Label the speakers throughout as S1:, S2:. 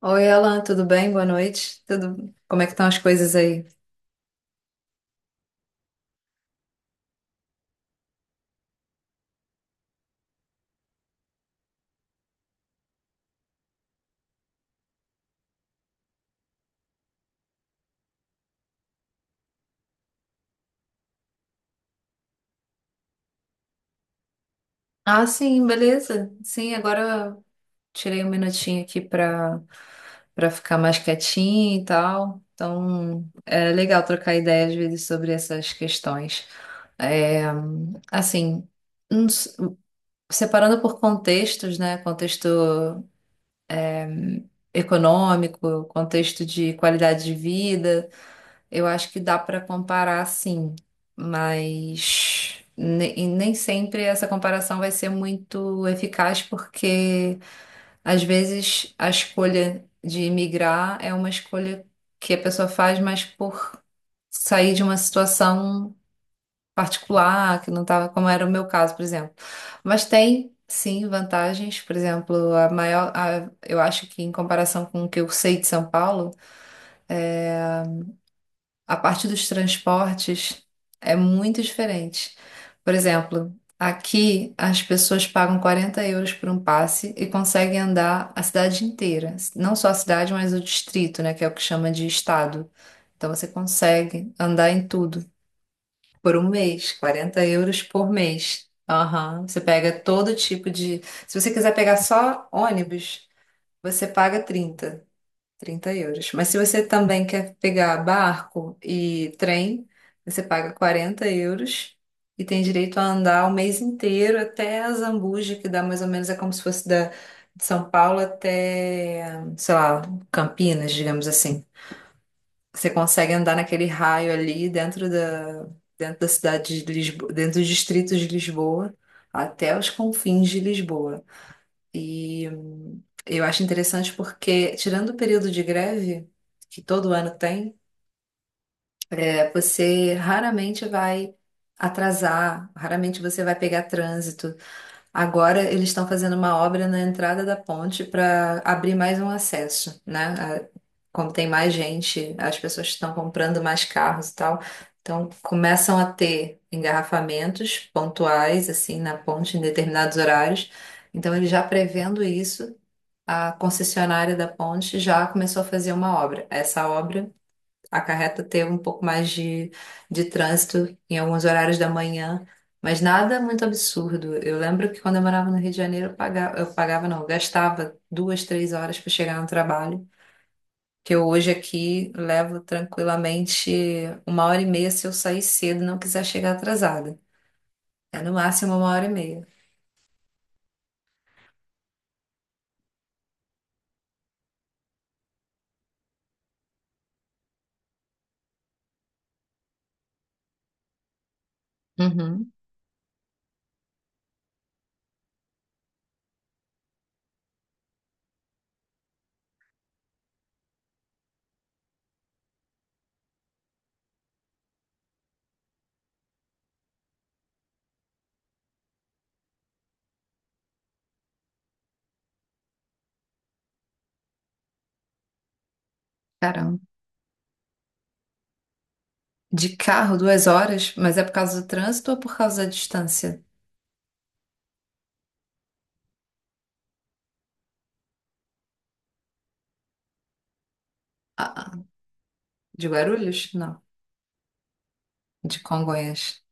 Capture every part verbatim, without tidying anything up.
S1: Oi, Alan, tudo bem? Boa noite. Tudo. Como é que estão as coisas aí? Ah, sim, beleza. Sim, agora eu tirei um minutinho aqui para para ficar mais quietinho e tal. Então, é legal trocar ideia às vezes sobre essas questões. É, assim, não s- separando por contextos, né? Contexto econômico, contexto de qualidade de vida. Eu acho que dá para comparar sim, mas ne- e nem sempre essa comparação vai ser muito eficaz, porque às vezes a escolha de emigrar é uma escolha que a pessoa faz, mas por sair de uma situação particular, que não estava como era o meu caso, por exemplo. Mas tem sim vantagens, por exemplo, a maior, a- eu acho que em comparação com o que eu sei de São Paulo. eh, a parte dos transportes é muito diferente. Por exemplo, aqui as pessoas pagam quarenta euros por um passe e conseguem andar a cidade inteira. Não só a cidade, mas o distrito, né? Que é o que chama de estado. Então você consegue andar em tudo por um mês, quarenta euros por mês. Aham. Você pega todo tipo de. Se você quiser pegar só ônibus, você paga trinta trinta euros. Mas se você também quer pegar barco e trem, você paga quarenta euros e tem direito a andar o mês inteiro até a Zambuja, que dá mais ou menos, é como se fosse da, de São Paulo até, sei lá, Campinas, digamos assim. Você consegue andar naquele raio ali dentro da, dentro da cidade de Lisboa, dentro dos distritos de Lisboa, até os confins de Lisboa. E hum, eu acho interessante porque, tirando o período de greve, que todo ano tem, é, você raramente vai atrasar, raramente você vai pegar trânsito. Agora eles estão fazendo uma obra na entrada da ponte para abrir mais um acesso, né? A- como tem mais gente, as pessoas estão comprando mais carros e tal. Então, começam a ter engarrafamentos pontuais, assim, na ponte em determinados horários. Então, ele já prevendo isso, a concessionária da ponte já começou a fazer uma obra. Essa obra acarreta ter um pouco mais de, de trânsito em alguns horários da manhã, mas nada muito absurdo. Eu lembro que quando eu morava no Rio de Janeiro, eu pagava, eu pagava não, eu gastava duas, três horas para chegar no trabalho. Que eu hoje aqui levo tranquilamente uma hora e meia se eu sair cedo e não quiser chegar atrasada. É no máximo uma hora e meia. Uhum, caramba. De carro, duas horas, mas é por causa do trânsito ou por causa da distância? Ah, ah. De Guarulhos? Não, de Congonhas.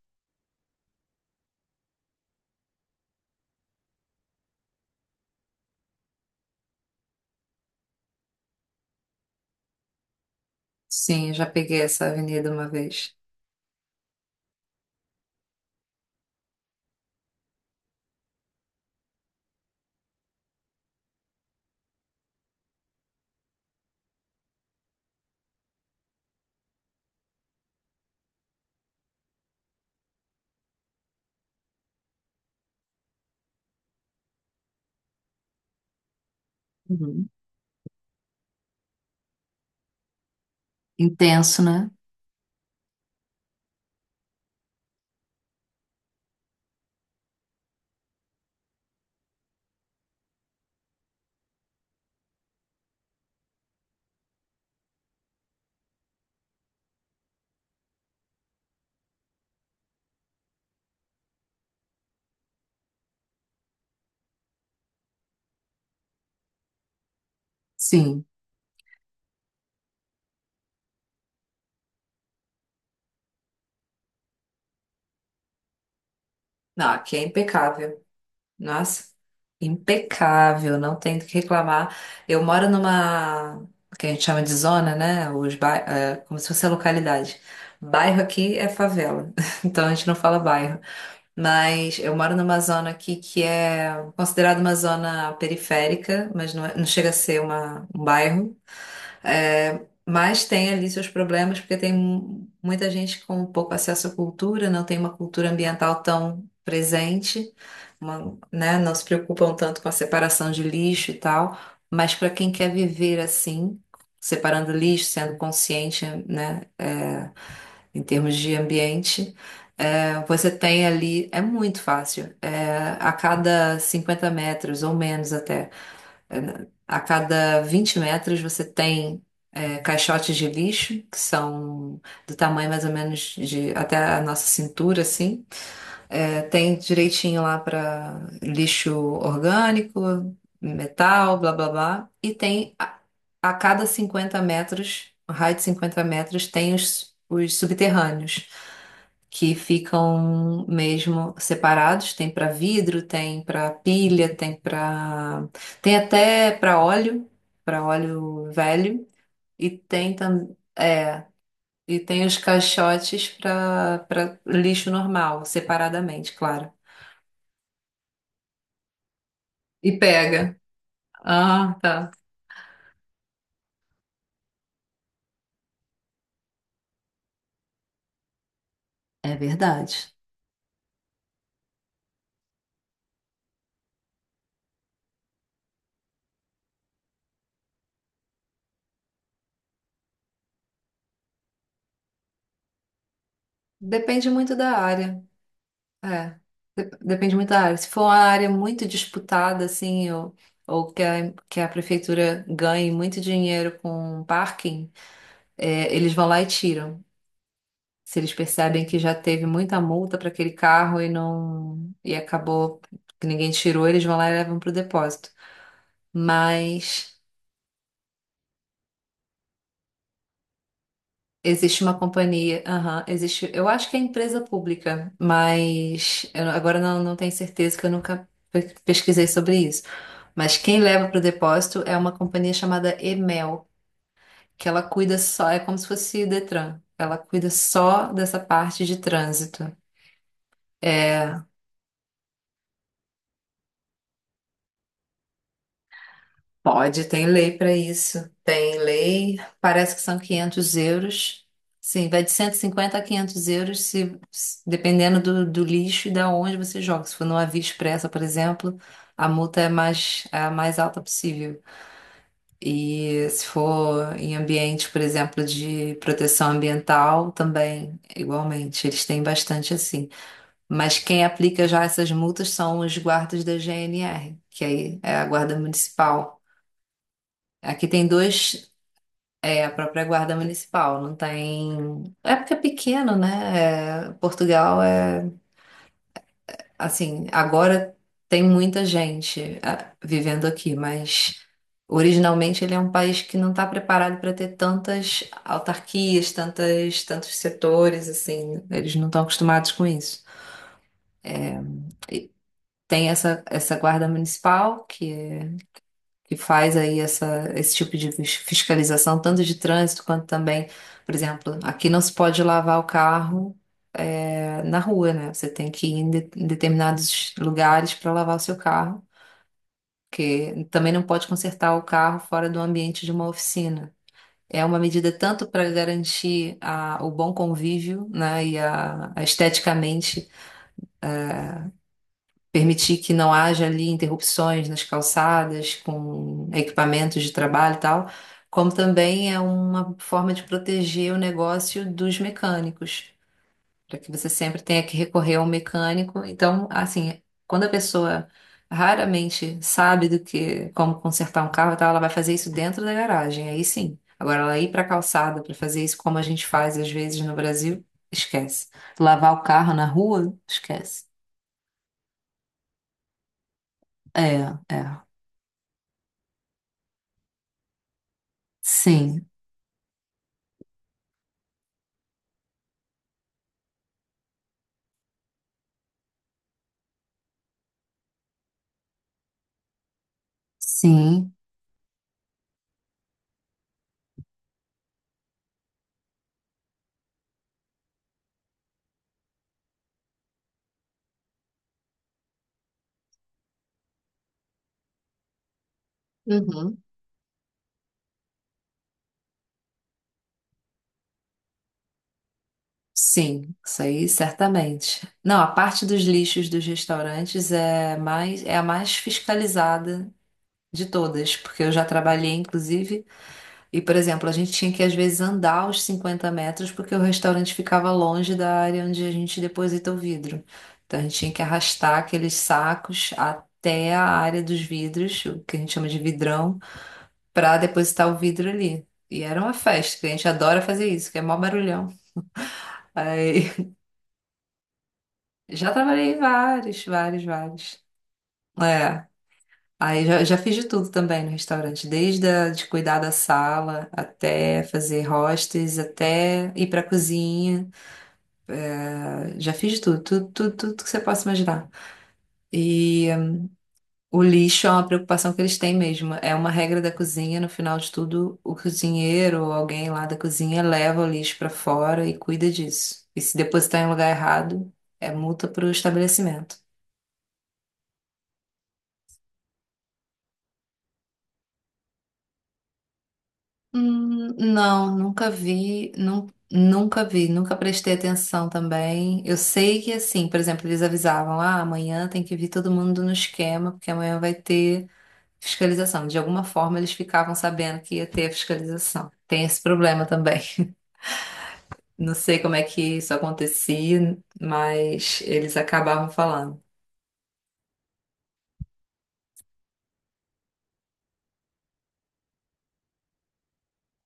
S1: Sim, já peguei essa avenida uma vez. Uhum. Intenso, né? Sim. Não, aqui é impecável. Nossa, impecável, não tem do que reclamar. Eu moro numa, que a gente chama de zona, né? Os bai- é, como se fosse a localidade. Bairro aqui é favela, então a gente não fala bairro. Mas eu moro numa zona aqui que é considerada uma zona periférica, mas não, é- não chega a ser uma, um bairro. É, mas tem ali seus problemas, porque tem mu- muita gente com pouco acesso à cultura, não tem uma cultura ambiental tão presente, uma- né, não se preocupam tanto com a separação de lixo e tal. Mas para quem quer viver assim, separando lixo, sendo consciente, né, é, em termos de ambiente, é, você tem ali, é muito fácil, é, a cada cinquenta metros ou menos até. É, a cada vinte metros você tem é, caixotes de lixo, que são do tamanho mais ou menos de até a nossa cintura, assim. É, tem direitinho lá para lixo orgânico, metal, blá blá blá. E tem a, a cada cinquenta metros, um raio de cinquenta metros, tem os, os subterrâneos, que ficam mesmo separados. Tem para vidro, tem para pilha, tem para. Tem até para óleo, para óleo velho. E tem também. É, e tem os caixotes para para lixo normal, separadamente, claro. E pega. Ah, tá. É verdade. Depende muito da área. É. De- Depende muito da área. Se for uma área muito disputada, assim, ou, ou que a, que a prefeitura ganhe muito dinheiro com parking, é, eles vão lá e tiram. Se eles percebem que já teve muita multa para aquele carro e não e acabou que ninguém tirou, eles vão lá e levam para o depósito. Mas existe uma companhia, aham, existe, eu acho que é empresa pública, mas eu não- agora não, não tenho certeza, que eu nunca pe- pesquisei sobre isso. Mas quem leva para o depósito é uma companhia chamada Emel, que ela cuida só, é como se fosse o Detran, ela cuida só dessa parte de trânsito. É, pode, tem lei para isso. Tem lei, parece que são quinhentos euros. Sim, vai de cento e cinquenta a quinhentos euros, se, se- dependendo do, do lixo e da onde você joga. Se for numa via expressa, por exemplo, a multa é mais, é a mais alta possível. E se for em ambiente, por exemplo, de proteção ambiental, também, igualmente, eles têm bastante assim. Mas quem aplica já essas multas são os guardas da G N R, que aí é a Guarda Municipal. Aqui tem dois, é a própria guarda municipal, não tem. É porque é pequeno, né? É, Portugal é assim, agora tem muita gente ah, vivendo aqui, mas originalmente ele é um país que não está preparado para ter tantas autarquias, tantas, tantos setores, assim, eles não estão acostumados com isso. E tem essa, essa guarda municipal que é que faz aí essa, esse tipo de fis- fiscalização, tanto de trânsito quanto também, por exemplo, aqui não se pode lavar o carro é, na rua, né? Você tem que ir em, de- em determinados lugares para lavar o seu carro, porque também não pode consertar o carro fora do ambiente de uma oficina. É uma medida tanto para garantir a- o bom convívio, né, e a, a esteticamente permitir que não haja ali interrupções nas calçadas com equipamentos de trabalho e tal, como também é uma forma de proteger o negócio dos mecânicos, para que você sempre tenha que recorrer ao mecânico. Então, assim, quando a pessoa raramente sabe do que como consertar um carro e tal, ela vai fazer isso dentro da garagem, aí sim. Agora, ela ir para a calçada para fazer isso como a gente faz às vezes no Brasil, esquece. Lavar o carro na rua, esquece. É, é. Sim, sim, uhum, sim, isso aí certamente. Não, a parte dos lixos dos restaurantes é mais, é a mais fiscalizada de todas, porque eu já trabalhei, inclusive, e, por exemplo, a gente tinha que às vezes andar os cinquenta metros porque o restaurante ficava longe da área onde a gente deposita o vidro. Então a gente tinha que arrastar aqueles sacos até a área dos vidros, o que a gente chama de vidrão, pra depositar o vidro ali. E era uma festa, que a gente adora fazer isso, que é mó barulhão. Aí já trabalhei em vários, vários, vários. É, aí já, já fiz de tudo também no restaurante, desde a, de cuidar da sala até fazer hostes, até ir pra cozinha. Ah, já fiz de tudo, tudo, tudo, tudo que você possa imaginar. E o lixo é uma preocupação que eles têm mesmo. É uma regra da cozinha, no final de tudo, o cozinheiro ou alguém lá da cozinha leva o lixo para fora e cuida disso. E se depositar em lugar errado, é multa para o estabelecimento. Hum, não, nunca vi, nun- nunca vi, nunca prestei atenção também. Eu sei que assim, por exemplo, eles avisavam, ah, amanhã tem que vir todo mundo no esquema, porque amanhã vai ter fiscalização. De alguma forma, eles ficavam sabendo que ia ter a fiscalização. Tem esse problema também. Não sei como é que isso acontecia, mas eles acabavam falando.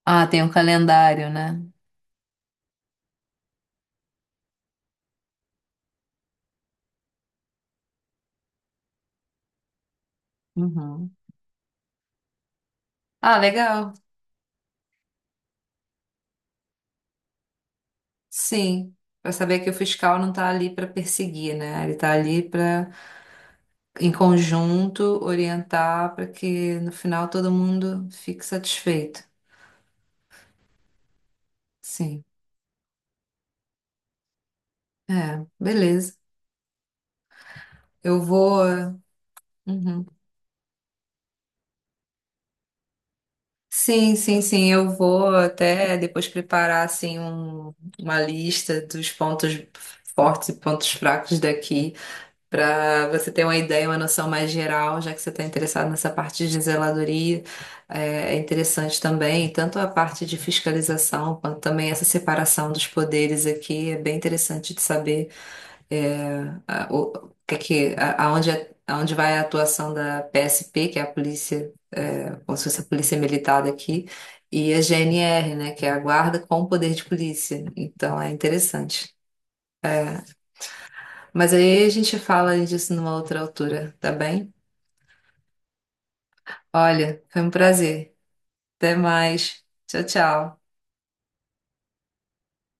S1: Ah, tem um calendário, né? Uhum. Ah, legal. Sim. Para saber que o fiscal não está ali para perseguir, né? Ele está ali para, em conjunto, orientar para que no final todo mundo fique satisfeito. Sim. É, beleza. Eu vou. Uhum. Sim, sim, sim. Eu vou até depois preparar assim um- uma lista dos pontos fortes e pontos fracos daqui, para você ter uma ideia, uma noção mais geral, já que você está interessado nessa parte de zeladoria, é é interessante também, tanto a parte de fiscalização, quanto também essa separação dos poderes aqui, é bem interessante de saber é, a- o, que, é que- a- aonde, é- aonde vai a atuação da P S P, que é a polícia, é, como se fosse a polícia militar daqui, e a G N R, né, que é a guarda com poder de polícia. Então é interessante. Mas aí a gente fala disso numa outra altura, tá bem? Olha, foi um prazer. Até mais. Tchau, tchau.